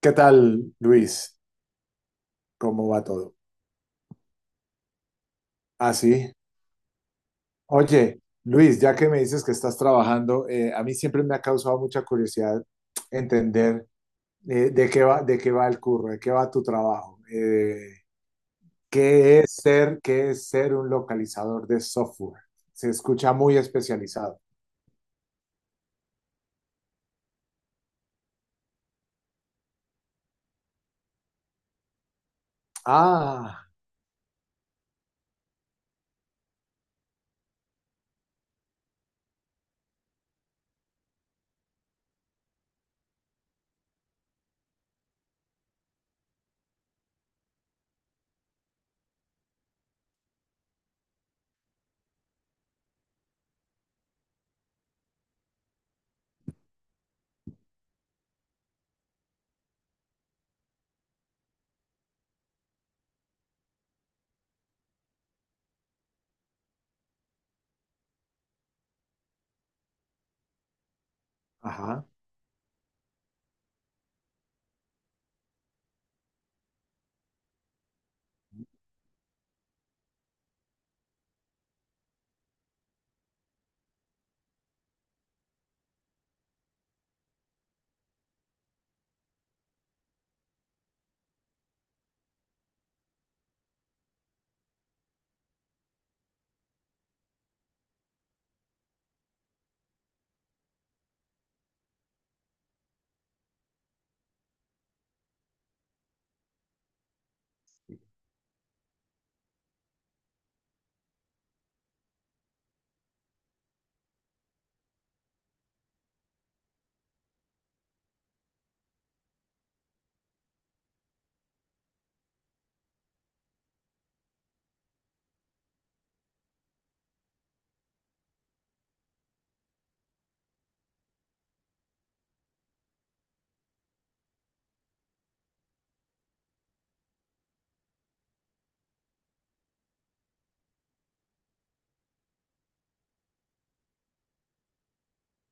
¿Qué tal, Luis? ¿Cómo va todo? Ah, sí. Oye, Luis, ya que me dices que estás trabajando, a mí siempre me ha causado mucha curiosidad entender de qué va el curro, de qué va tu trabajo, qué es ser un localizador de software. Se escucha muy especializado. Ah, ajá.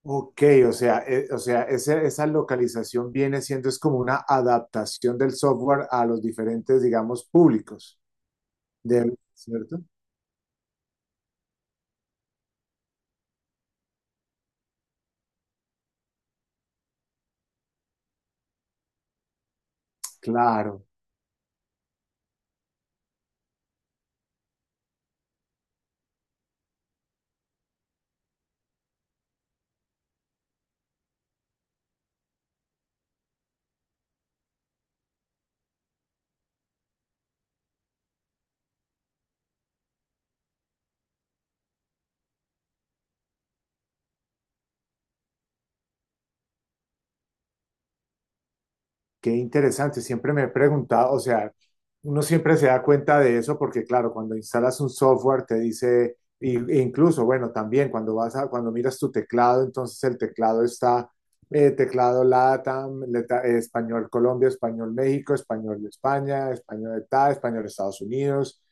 Ok, o sea, esa localización viene siendo es como una adaptación del software a los diferentes, digamos, públicos. Debe, ¿cierto? Claro. Qué interesante, siempre me he preguntado, o sea, uno siempre se da cuenta de eso porque claro, cuando instalas un software te dice, e incluso, bueno, también cuando vas a, cuando miras tu teclado, entonces el teclado está, teclado LATAM, español Colombia, español México, español España, español de tal español Estados Unidos.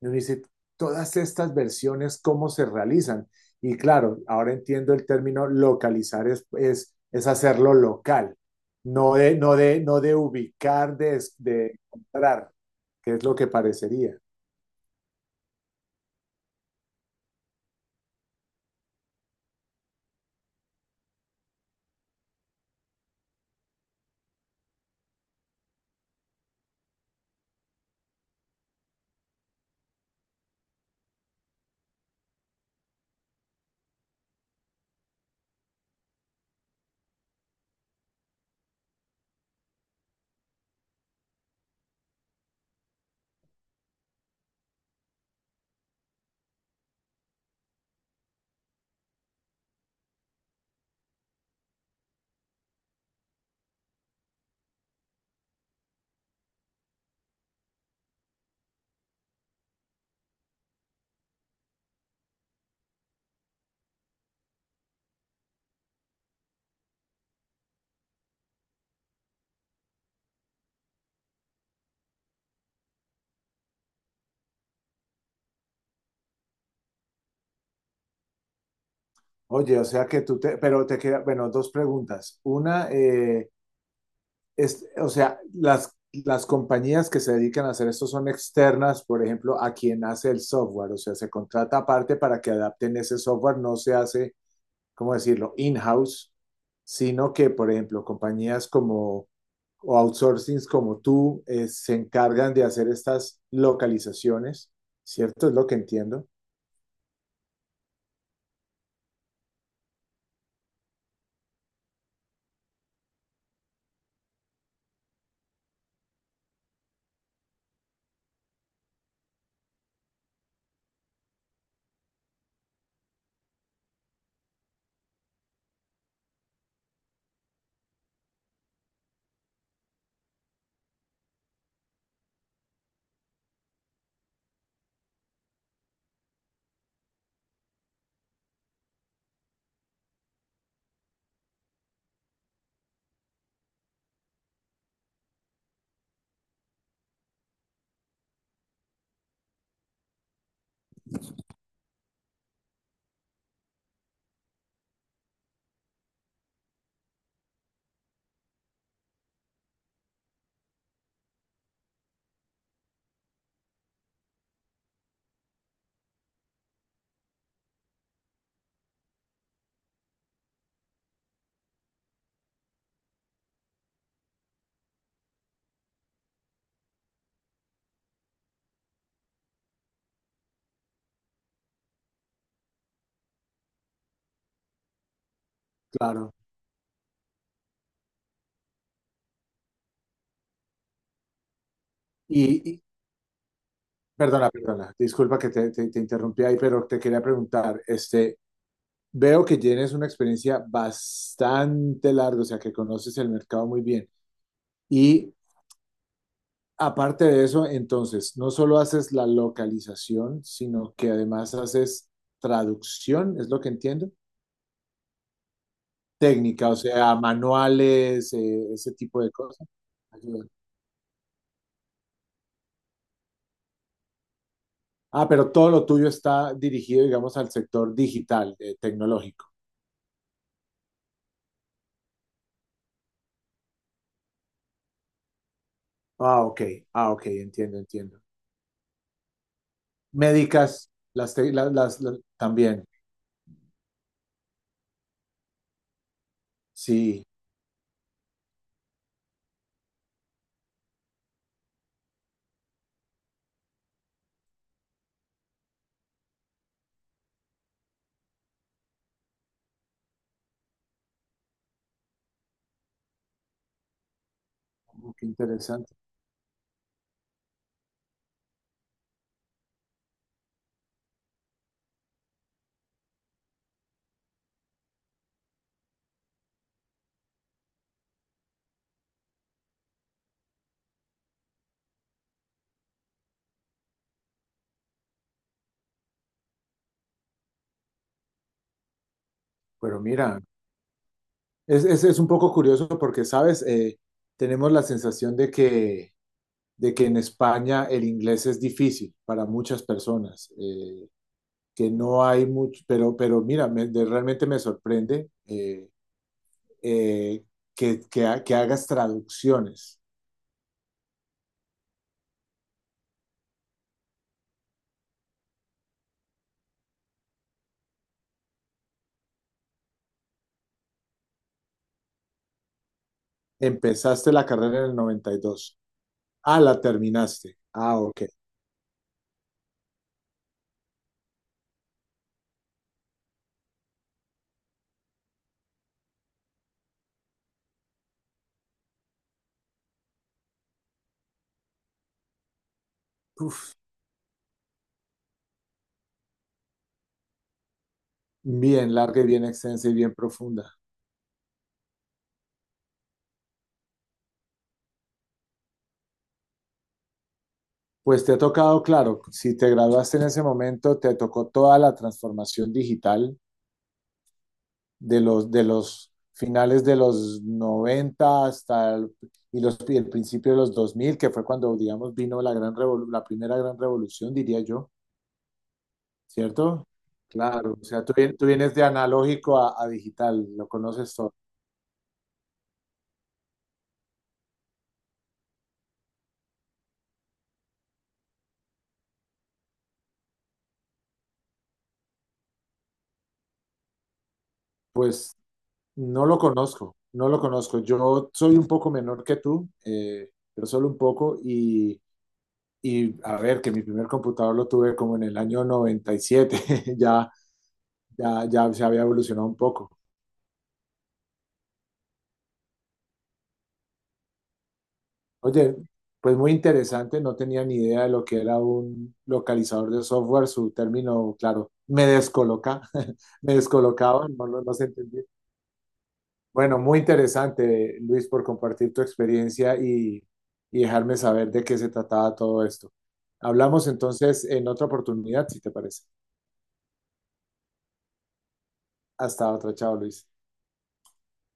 Y uno dice, todas estas versiones, ¿cómo se realizan? Y claro, ahora entiendo el término localizar es, hacerlo local no de ubicar, de comprar que es lo que parecería. Oye, o sea que tú te, pero te queda, bueno, dos preguntas. Una, es, o sea, las compañías que se dedican a hacer esto son externas, por ejemplo, a quien hace el software, o sea, se contrata aparte para que adapten ese software, no se hace ¿cómo decirlo?, in-house, sino que, por ejemplo, compañías como o outsourcings como tú se encargan de hacer estas localizaciones, ¿cierto? Es lo que entiendo. Claro. Y, y- disculpa que te interrumpí ahí, pero te quería preguntar, este, veo que tienes una experiencia bastante larga, o sea, que conoces el mercado muy bien. Y aparte de eso, entonces, no solo haces la localización, sino que además haces traducción, es lo que entiendo, técnica, o sea, manuales, ese tipo de cosas. Ayuda. Ah, pero todo lo tuyo está dirigido, digamos, al sector digital, tecnológico. Ah, ok, ah, ok, entiendo, entiendo. Médicas, las, te- la- las- también, sí, oh, qué interesante. Pero mira, es un poco curioso porque, ¿sabes? Tenemos la sensación de que en España el inglés es difícil para muchas personas, que no hay mucho, pero mira, me, de, realmente me sorprende eh, que hagas traducciones. Empezaste la carrera en el 92, Ah, la terminaste. Ah, ok. Uf, bien larga y bien extensa y bien profunda. Pues te ha tocado, claro, si te graduaste en ese momento, te tocó toda la transformación digital de los finales de los 90 hasta el, y el principio de los 2000 que fue cuando, digamos, vino la, gran revolu- la primera gran revolución, diría yo, ¿cierto? Claro, o sea, tú, tú vienes de analógico a, digital, lo conoces todo. Pues no lo conozco, no lo conozco. Yo soy un poco menor que tú, pero solo un poco, y, a ver, que mi primer computador lo tuve como en el año 97 ya, ya, ya se había evolucionado un poco. Oye, pues muy interesante, no tenía ni idea de lo que era un localizador de software, su término, claro, me descoloca, me descolocaba, no, no se entendía. Bueno, muy interesante, Luis, por compartir tu experiencia y, dejarme saber de qué se trataba todo esto. Hablamos entonces en otra oportunidad, si te parece. Hasta otra, chao, Luis.